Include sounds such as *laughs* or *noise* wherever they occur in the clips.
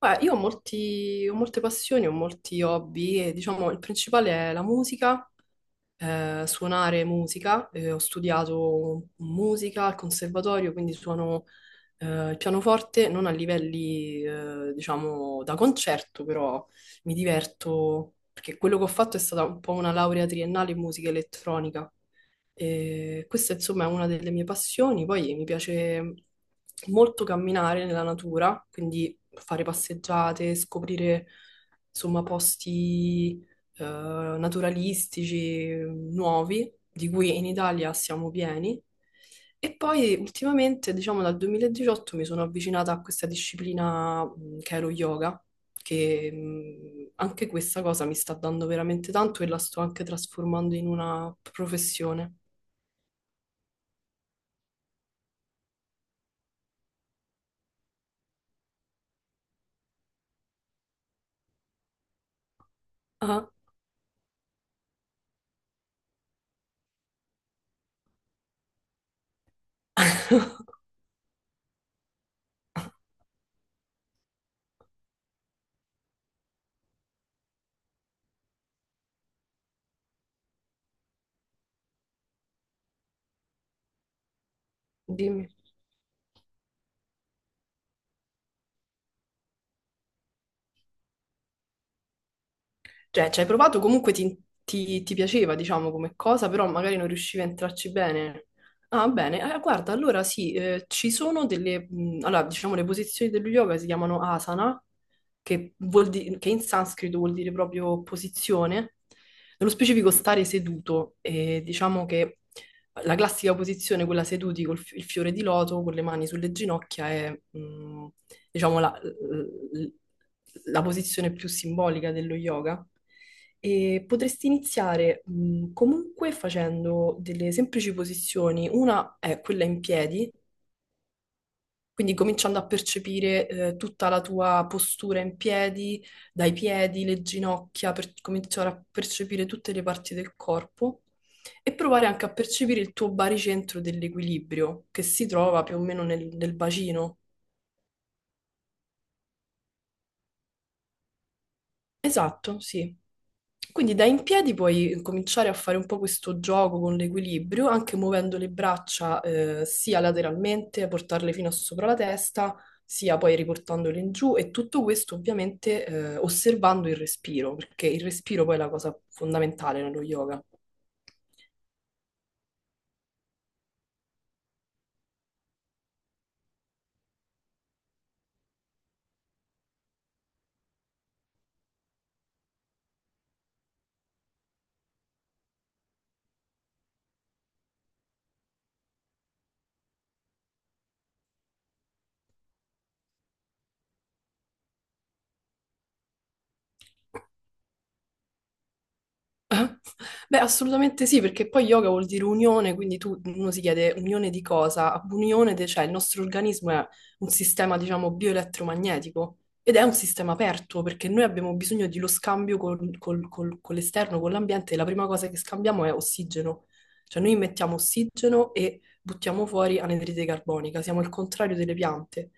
Beh, io ho molte passioni, ho molti hobby e diciamo il principale è la musica, suonare musica. Ho studiato musica al conservatorio, quindi suono il pianoforte, non a livelli diciamo da concerto, però mi diverto perché quello che ho fatto è stata un po' una laurea triennale in musica elettronica. E questa insomma è una delle mie passioni, poi mi piace molto camminare nella natura, quindi fare passeggiate, scoprire insomma posti naturalistici nuovi, di cui in Italia siamo pieni. E poi ultimamente, diciamo dal 2018, mi sono avvicinata a questa disciplina che è lo yoga, che anche questa cosa mi sta dando veramente tanto e la sto anche trasformando in una professione. Ah. *laughs* Dimmi. Cioè, ci hai provato, comunque ti, ti piaceva, diciamo, come cosa, però magari non riuscivi a entrarci bene. Ah, bene. Guarda, allora sì, ci sono delle allora, diciamo, le posizioni dello yoga si chiamano asana, che, che in sanscrito vuol dire proprio posizione, nello specifico stare seduto, e diciamo che la classica posizione, quella seduti il fiore di loto, con le mani sulle ginocchia, è diciamo la posizione più simbolica dello yoga. E potresti iniziare comunque facendo delle semplici posizioni. Una è quella in piedi, quindi cominciando a percepire tutta la tua postura in piedi, dai piedi, le ginocchia, per cominciare a percepire tutte le parti del corpo e provare anche a percepire il tuo baricentro dell'equilibrio che si trova più o meno nel bacino. Esatto, sì. Quindi da in piedi puoi cominciare a fare un po' questo gioco con l'equilibrio, anche muovendo le braccia sia lateralmente, portarle fino a sopra la testa, sia poi riportandole in giù e tutto questo ovviamente osservando il respiro, perché il respiro poi è la cosa fondamentale nello yoga. Beh, assolutamente sì, perché poi yoga vuol dire unione, quindi tu, uno si chiede unione di cosa? Unione, cioè il nostro organismo è un sistema, diciamo, bioelettromagnetico ed è un sistema aperto perché noi abbiamo bisogno dello scambio con l'esterno, con l'ambiente e la prima cosa che scambiamo è ossigeno. Cioè noi mettiamo ossigeno e buttiamo fuori anidride carbonica, siamo il contrario delle piante.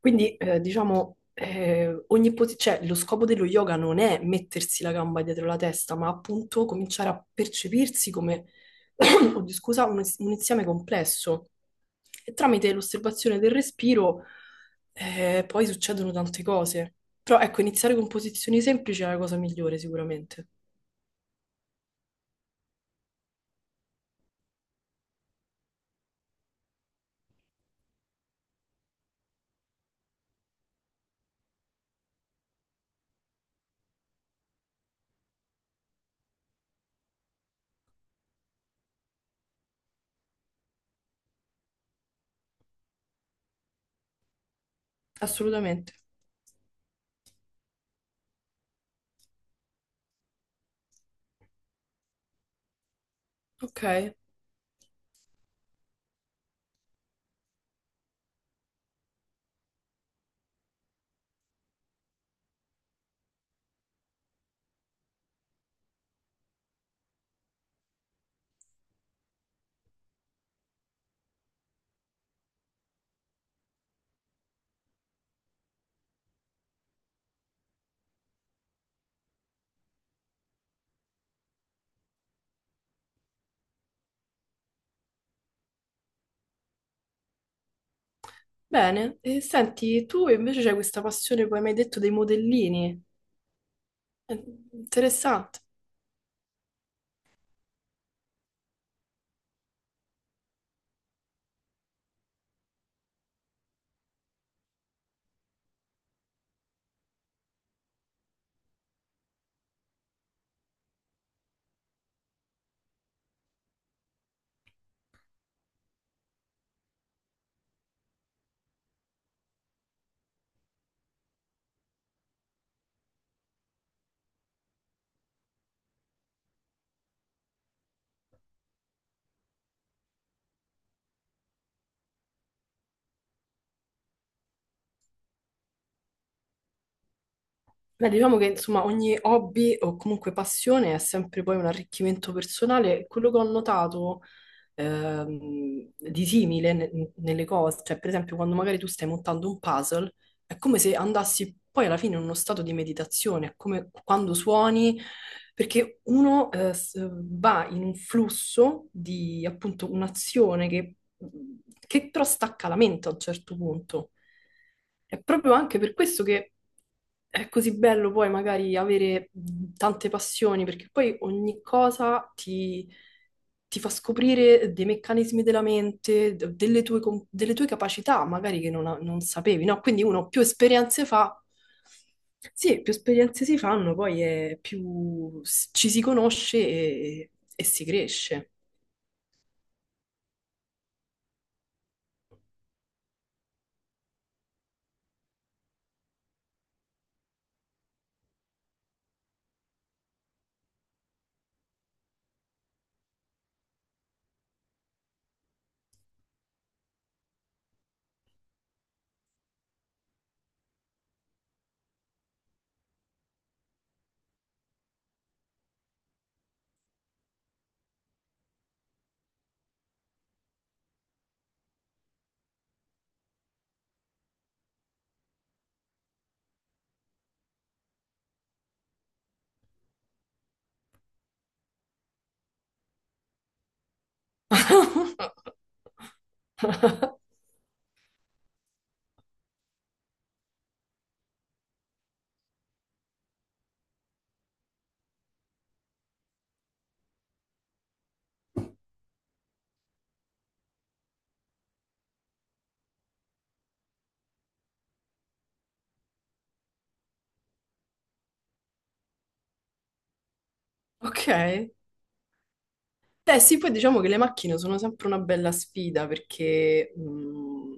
Quindi, diciamo, cioè, lo scopo dello yoga non è mettersi la gamba dietro la testa, ma appunto cominciare a percepirsi come, *clears throat* *coughs* oddio, scusa, un insieme complesso. E tramite l'osservazione del respiro, poi succedono tante cose. Però ecco, iniziare con posizioni semplici è la cosa migliore sicuramente. Assolutamente. Ok. Bene, e senti, tu invece c'hai questa passione, come mi hai detto, dei modellini. Eh, Interessante. Beh, diciamo che insomma ogni hobby o comunque passione è sempre poi un arricchimento personale. Quello che ho notato di simile nelle cose, cioè per esempio quando magari tu stai montando un puzzle, è come se andassi poi alla fine in uno stato di meditazione, è come quando suoni, perché uno va in un flusso di appunto un'azione che però stacca la mente a un certo punto. È proprio anche per questo che è così bello poi magari avere tante passioni, perché poi ogni cosa ti fa scoprire dei meccanismi della mente, delle tue, delle tue capacità, magari che non, non sapevi, no? Quindi uno più esperienze fa, sì, più esperienze si fanno, poi è più ci si conosce e si cresce. *laughs* Ok? Eh sì, poi diciamo che le macchine sono sempre una bella sfida perché,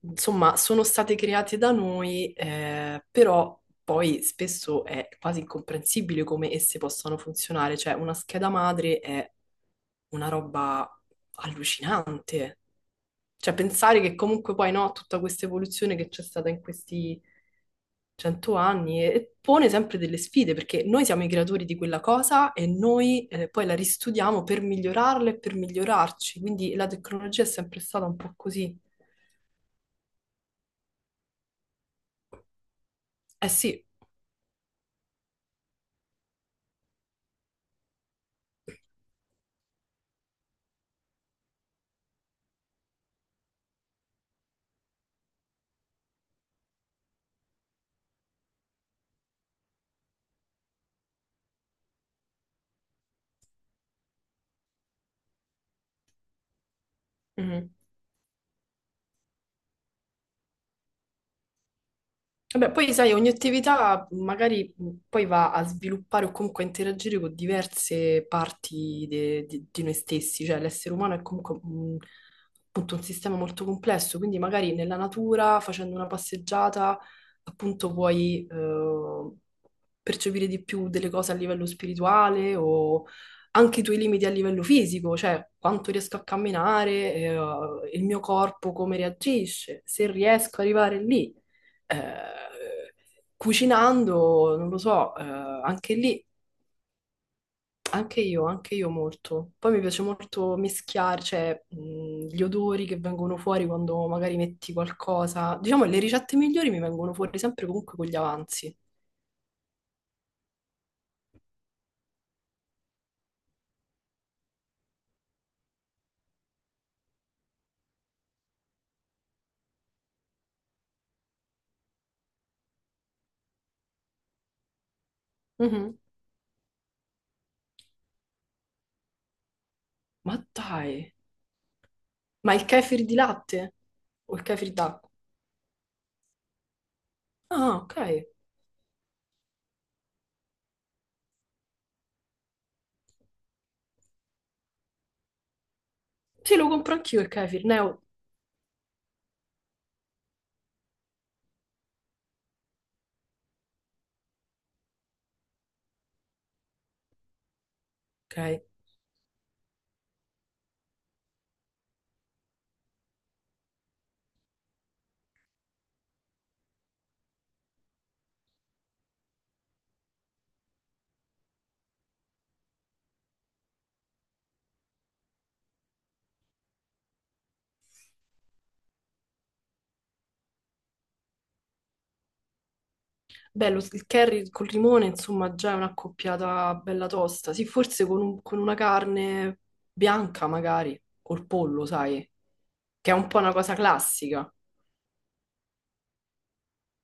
insomma, sono state create da noi, però poi spesso è quasi incomprensibile come esse possano funzionare. Cioè, una scheda madre è una roba allucinante. Cioè, pensare che comunque poi no, tutta questa evoluzione che c'è stata in questi 100 anni e pone sempre delle sfide, perché noi siamo i creatori di quella cosa e noi poi la ristudiamo per migliorarla e per migliorarci. Quindi la tecnologia è sempre stata un po' così. Eh sì, mhm. Vabbè, poi sai, ogni attività magari poi va a sviluppare o comunque a interagire con diverse parti di noi stessi, cioè l'essere umano è comunque appunto un sistema molto complesso, quindi magari nella natura, facendo una passeggiata, appunto puoi percepire di più delle cose a livello spirituale o anche i tuoi limiti a livello fisico, cioè quanto riesco a camminare, il mio corpo come reagisce, se riesco ad arrivare lì. Eh, cucinando, non lo so, anche lì, anche io molto. Poi mi piace molto mischiare, cioè, gli odori che vengono fuori quando magari metti qualcosa. Diciamo, le ricette migliori mi vengono fuori sempre comunque con gli avanzi. Mhm. Ma dai, ma il kefir di latte? O il kefir d'acqua? Ah, ok. Sì, lo compro anch'io il kefir, Neo. Ok. Beh, il curry col limone, insomma, già è una coppiata bella tosta. Sì, forse con, con una carne bianca, magari, col pollo, sai, che è un po' una cosa classica.